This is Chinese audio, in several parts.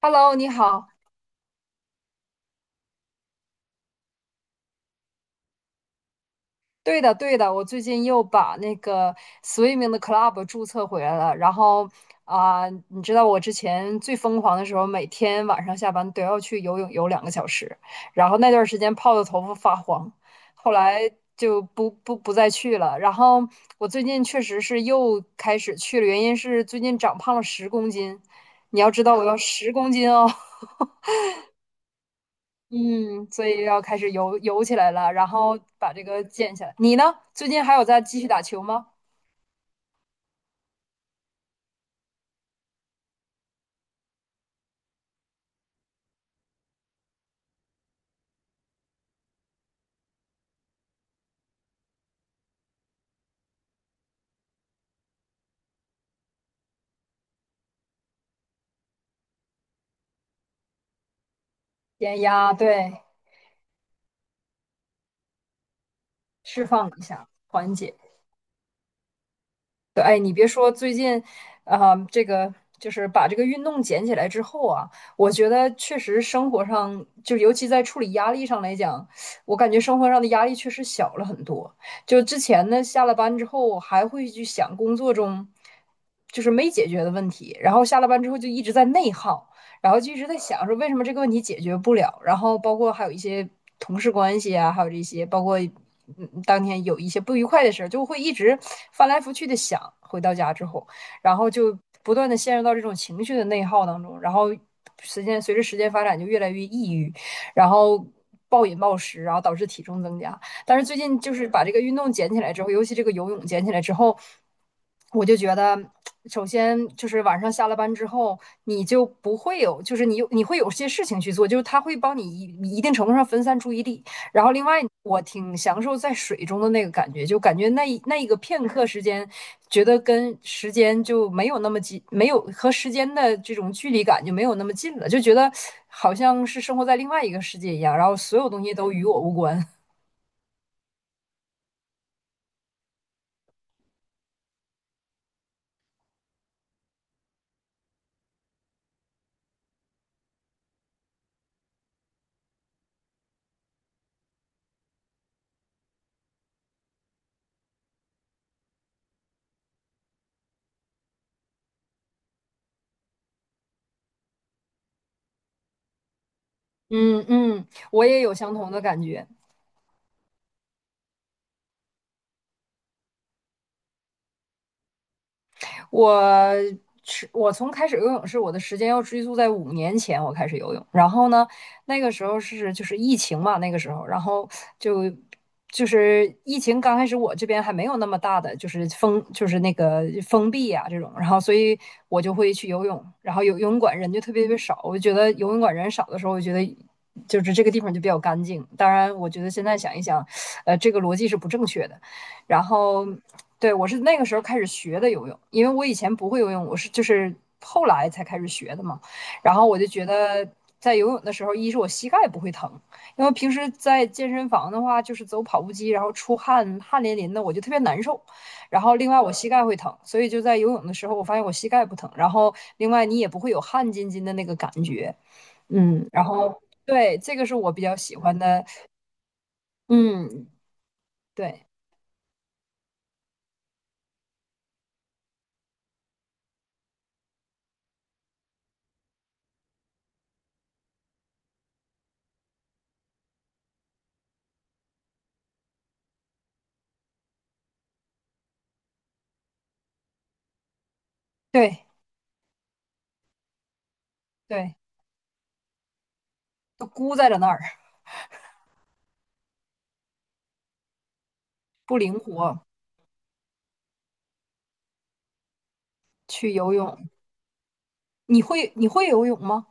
Hello，你好。对的，对的，我最近又把那个 swimming 的 club 注册回来了。然后啊、你知道我之前最疯狂的时候，每天晚上下班都要去游泳游2个小时，然后那段时间泡的头发发黄，后来就不再去了。然后我最近确实是又开始去了，原因是最近长胖了十公斤。你要知道，我要十公斤哦。嗯，所以要开始游起来了，然后把这个减下来。你呢？最近还有在继续打球吗？减压，对，释放一下，缓解。对，哎，你别说，最近，这个就是把这个运动捡起来之后啊，我觉得确实生活上，就尤其在处理压力上来讲，我感觉生活上的压力确实小了很多。就之前呢，下了班之后还会去想工作中就是没解决的问题，然后下了班之后就一直在内耗。然后就一直在想说为什么这个问题解决不了，然后包括还有一些同事关系啊，还有这些，包括当天有一些不愉快的事就会一直翻来覆去的想。回到家之后，然后就不断的陷入到这种情绪的内耗当中，然后随着时间发展就越来越抑郁，然后。暴饮暴食，然后导致体重增加。但是最近就是把这个运动捡起来之后，尤其这个游泳捡起来之后，我就觉得，首先就是晚上下了班之后，你就不会有，就是你会有些事情去做，就是它会帮你一定程度上分散注意力。然后另外，我挺享受在水中的那个感觉，就感觉那一个片刻时间，觉得跟时间就没有那么近，没有和时间的这种距离感就没有那么近了，就觉得好像是生活在另外一个世界一样，然后所有东西都与我无关。嗯嗯，我也有相同的感觉。我我开始游泳是我的时间要追溯在5年前，我开始游泳。然后呢，那个时候是就是疫情嘛，那个时候，然后就疫情刚开始，我这边还没有那么大的就是封，就是那个封闭呀、这种，然后所以我就会去游泳，然后游泳馆人就特别特别少。我就觉得游泳馆人少的时候，我觉得。就是这个地方就比较干净，当然，我觉得现在想一想，这个逻辑是不正确的。然后，对我是那个时候开始学的游泳，因为我以前不会游泳，我是就是后来才开始学的嘛。然后我就觉得在游泳的时候，一是我膝盖不会疼，因为平时在健身房的话，就是走跑步机，然后出汗淋淋的，我就特别难受。然后另外我膝盖会疼，所以就在游泳的时候，我发现我膝盖不疼。然后另外你也不会有汗津津的那个感觉，嗯。然后对，这个是我比较喜欢的，嗯，对对对，都箍在了那儿。不灵活去游泳。你会游泳吗？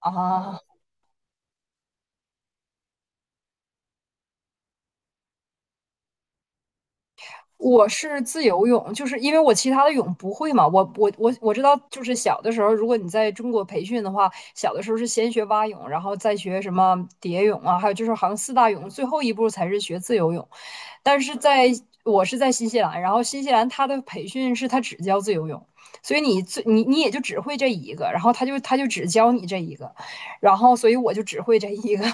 啊，我是自由泳，就是因为我其他的泳不会嘛。我知道，就是小的时候，如果你在中国培训的话，小的时候是先学蛙泳，然后再学什么蝶泳啊，还有就是好像四大泳，最后一步才是学自由泳。但是我是在新西兰，然后新西兰它的培训是它只教自由泳，所以你最你你也就只会这一个，然后他就只教你这一个，然后所以我就只会这一个，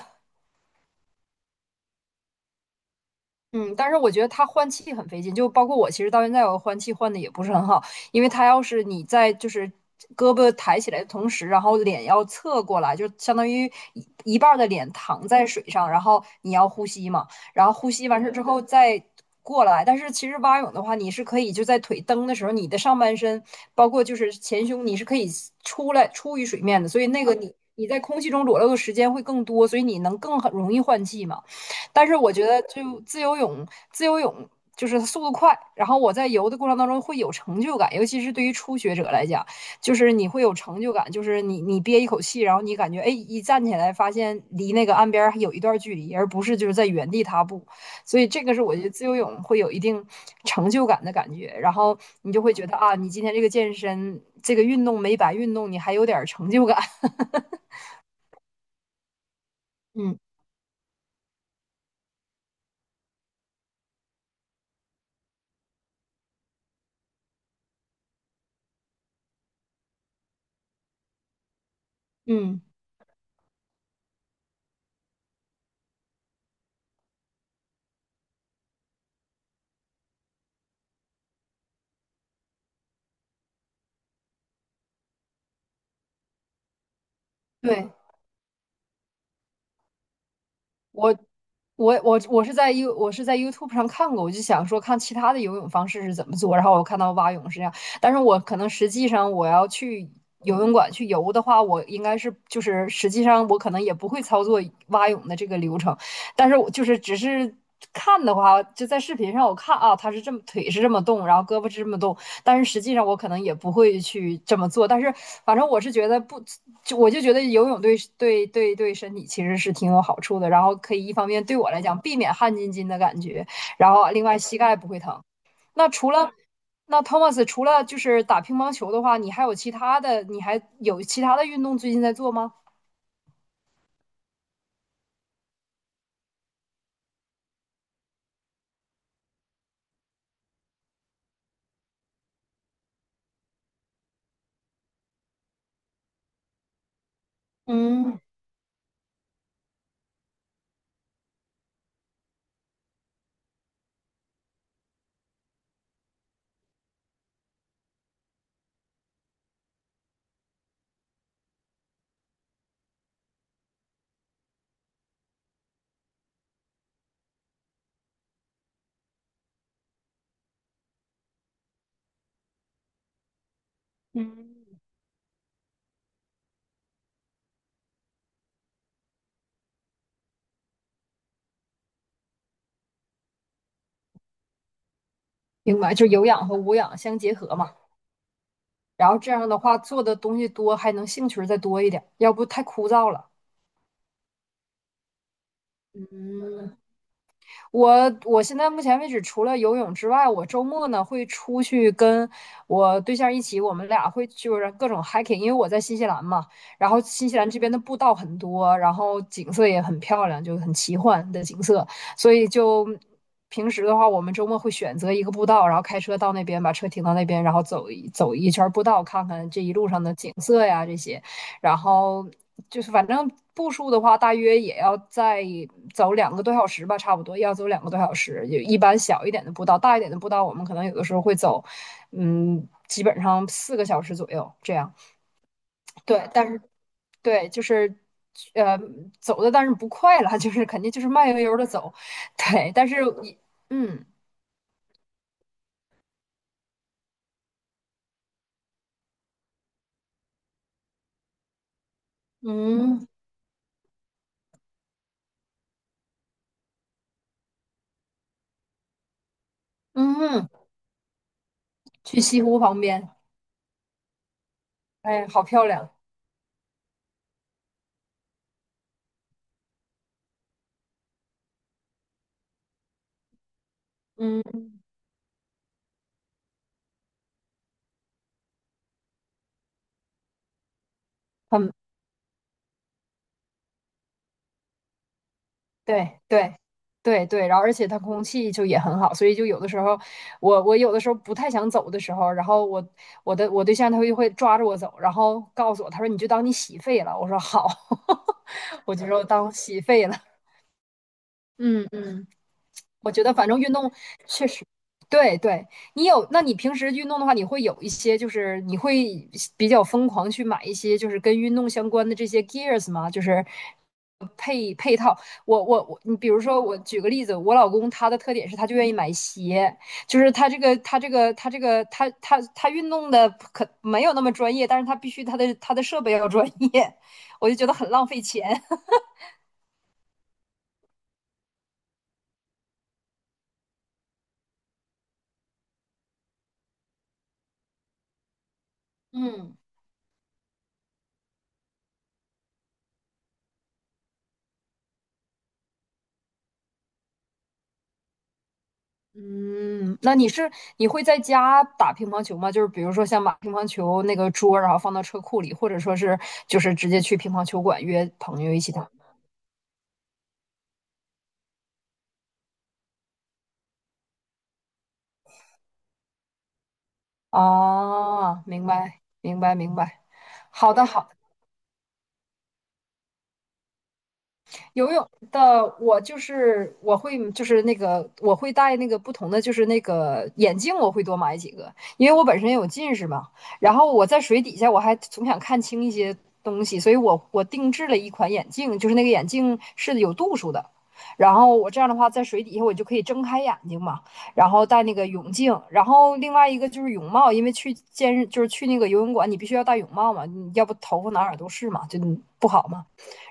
嗯，但是我觉得它换气很费劲，就包括我，其实到现在我换气换的也不是很好，因为它要是你在就是胳膊抬起来的同时，然后脸要侧过来，就相当于一半儿的脸躺在水上，然后你要呼吸嘛，然后呼吸完事之后再过来。但是其实蛙泳的话，你是可以就在腿蹬的时候，你的上半身包括就是前胸，你是可以出来出于水面的，所以那个你你在空气中裸露的时间会更多，所以你能更很容易换气嘛。但是我觉得就自由泳，自由泳就是速度快，然后我在游的过程当中会有成就感，尤其是对于初学者来讲，就是你会有成就感，就是你你憋一口气，然后你感觉哎一站起来，发现离那个岸边还有一段距离，而不是就是在原地踏步，所以这个是我觉得自由泳会有一定成就感的感觉，然后你就会觉得啊，你今天这个健身这个运动没白运动，你还有点成就感，嗯嗯，对。我我是在 YouTube 上看过，我就想说看其他的游泳方式是怎么做，然后我看到蛙泳是这样，但是我可能实际上我要去游泳馆去游的话，我应该是就是实际上我可能也不会操作蛙泳的这个流程，但是我就是只是看的话，就在视频上我看啊，他是这么腿是这么动，然后胳膊是这么动，但是实际上我可能也不会去这么做。但是反正我是觉得不，就我就觉得游泳对身体其实是挺有好处的。然后可以一方面对我来讲避免汗津津的感觉，然后另外膝盖不会疼。那除了那 Thomas 除了就是打乒乓球的话，你还有其他的，你还有其他的运动最近在做吗？嗯嗯，明白，就有氧和无氧相结合嘛。然后这样的话，做的东西多，还能兴趣儿再多一点，要不太枯燥了。嗯，我我现在目前为止，除了游泳之外，我周末呢会出去跟我对象一起，我们俩会就是各种 hiking，因为我在新西兰嘛，然后新西兰这边的步道很多，然后景色也很漂亮，就很奇幻的景色，所以就平时的话，我们周末会选择一个步道，然后开车到那边，把车停到那边，然后走一圈步道，看看这一路上的景色呀这些。然后就是反正步数的话，大约也要再走两个多小时吧，差不多要走两个多小时。就一般小一点的步道，大一点的步道，我们可能有的时候会走，嗯，基本上4个小时左右这样。对，但是对，就是呃，走的但是不快了，就是肯定就是慢悠悠的走。对，但是一嗯嗯嗯，去西湖旁边，哎，好漂亮，嗯，很对对对对，然后而且它空气就也很好，所以就有的时候我有的时候不太想走的时候，然后我我对象他会抓着我走，然后告诉我，他说你就当你洗肺了，我说好，我就说当洗肺了，嗯嗯。我觉得反正运动确实，对对，你有，那你平时运动的话，你会有一些，就是你会比较疯狂去买一些，就是跟运动相关的这些 gears 吗？就是配套。我，你比如说，我举个例子，我老公他的特点是他就愿意买鞋，就是他这个他这个他这个他他他运动的可没有那么专业，但是他必须他的他的设备要专业，我就觉得很浪费钱。嗯。嗯，那你是你会在家打乒乓球吗？就是比如说像把乒乓球那个桌，然后放到车库里，或者说是就是直接去乒乓球馆约朋友一起打。哦，明白，明白，明白。好的，好。游泳的我就是我会就是那个我会戴那个不同的就是那个眼镜，我会多买几个，因为我本身有近视嘛。然后我在水底下我还总想看清一些东西，所以我定制了一款眼镜，就是那个眼镜是有度数的。然后我这样的话，在水底下我就可以睁开眼睛嘛，然后戴那个泳镜，然后另外一个就是泳帽，因为去健身就是去那个游泳馆，你必须要戴泳帽嘛，你要不头发哪儿哪儿都是嘛，就不好嘛。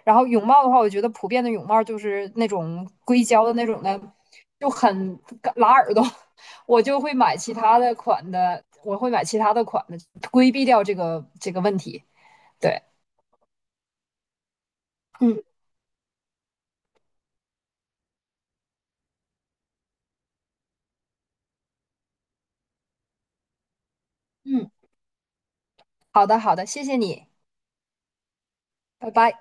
然后泳帽的话，我觉得普遍的泳帽就是那种硅胶的那种的，就很拉耳朵。我就会买其他的款的，我会买其他的款的，规避掉这个问题。对，嗯嗯，好的好的，谢谢你，拜拜。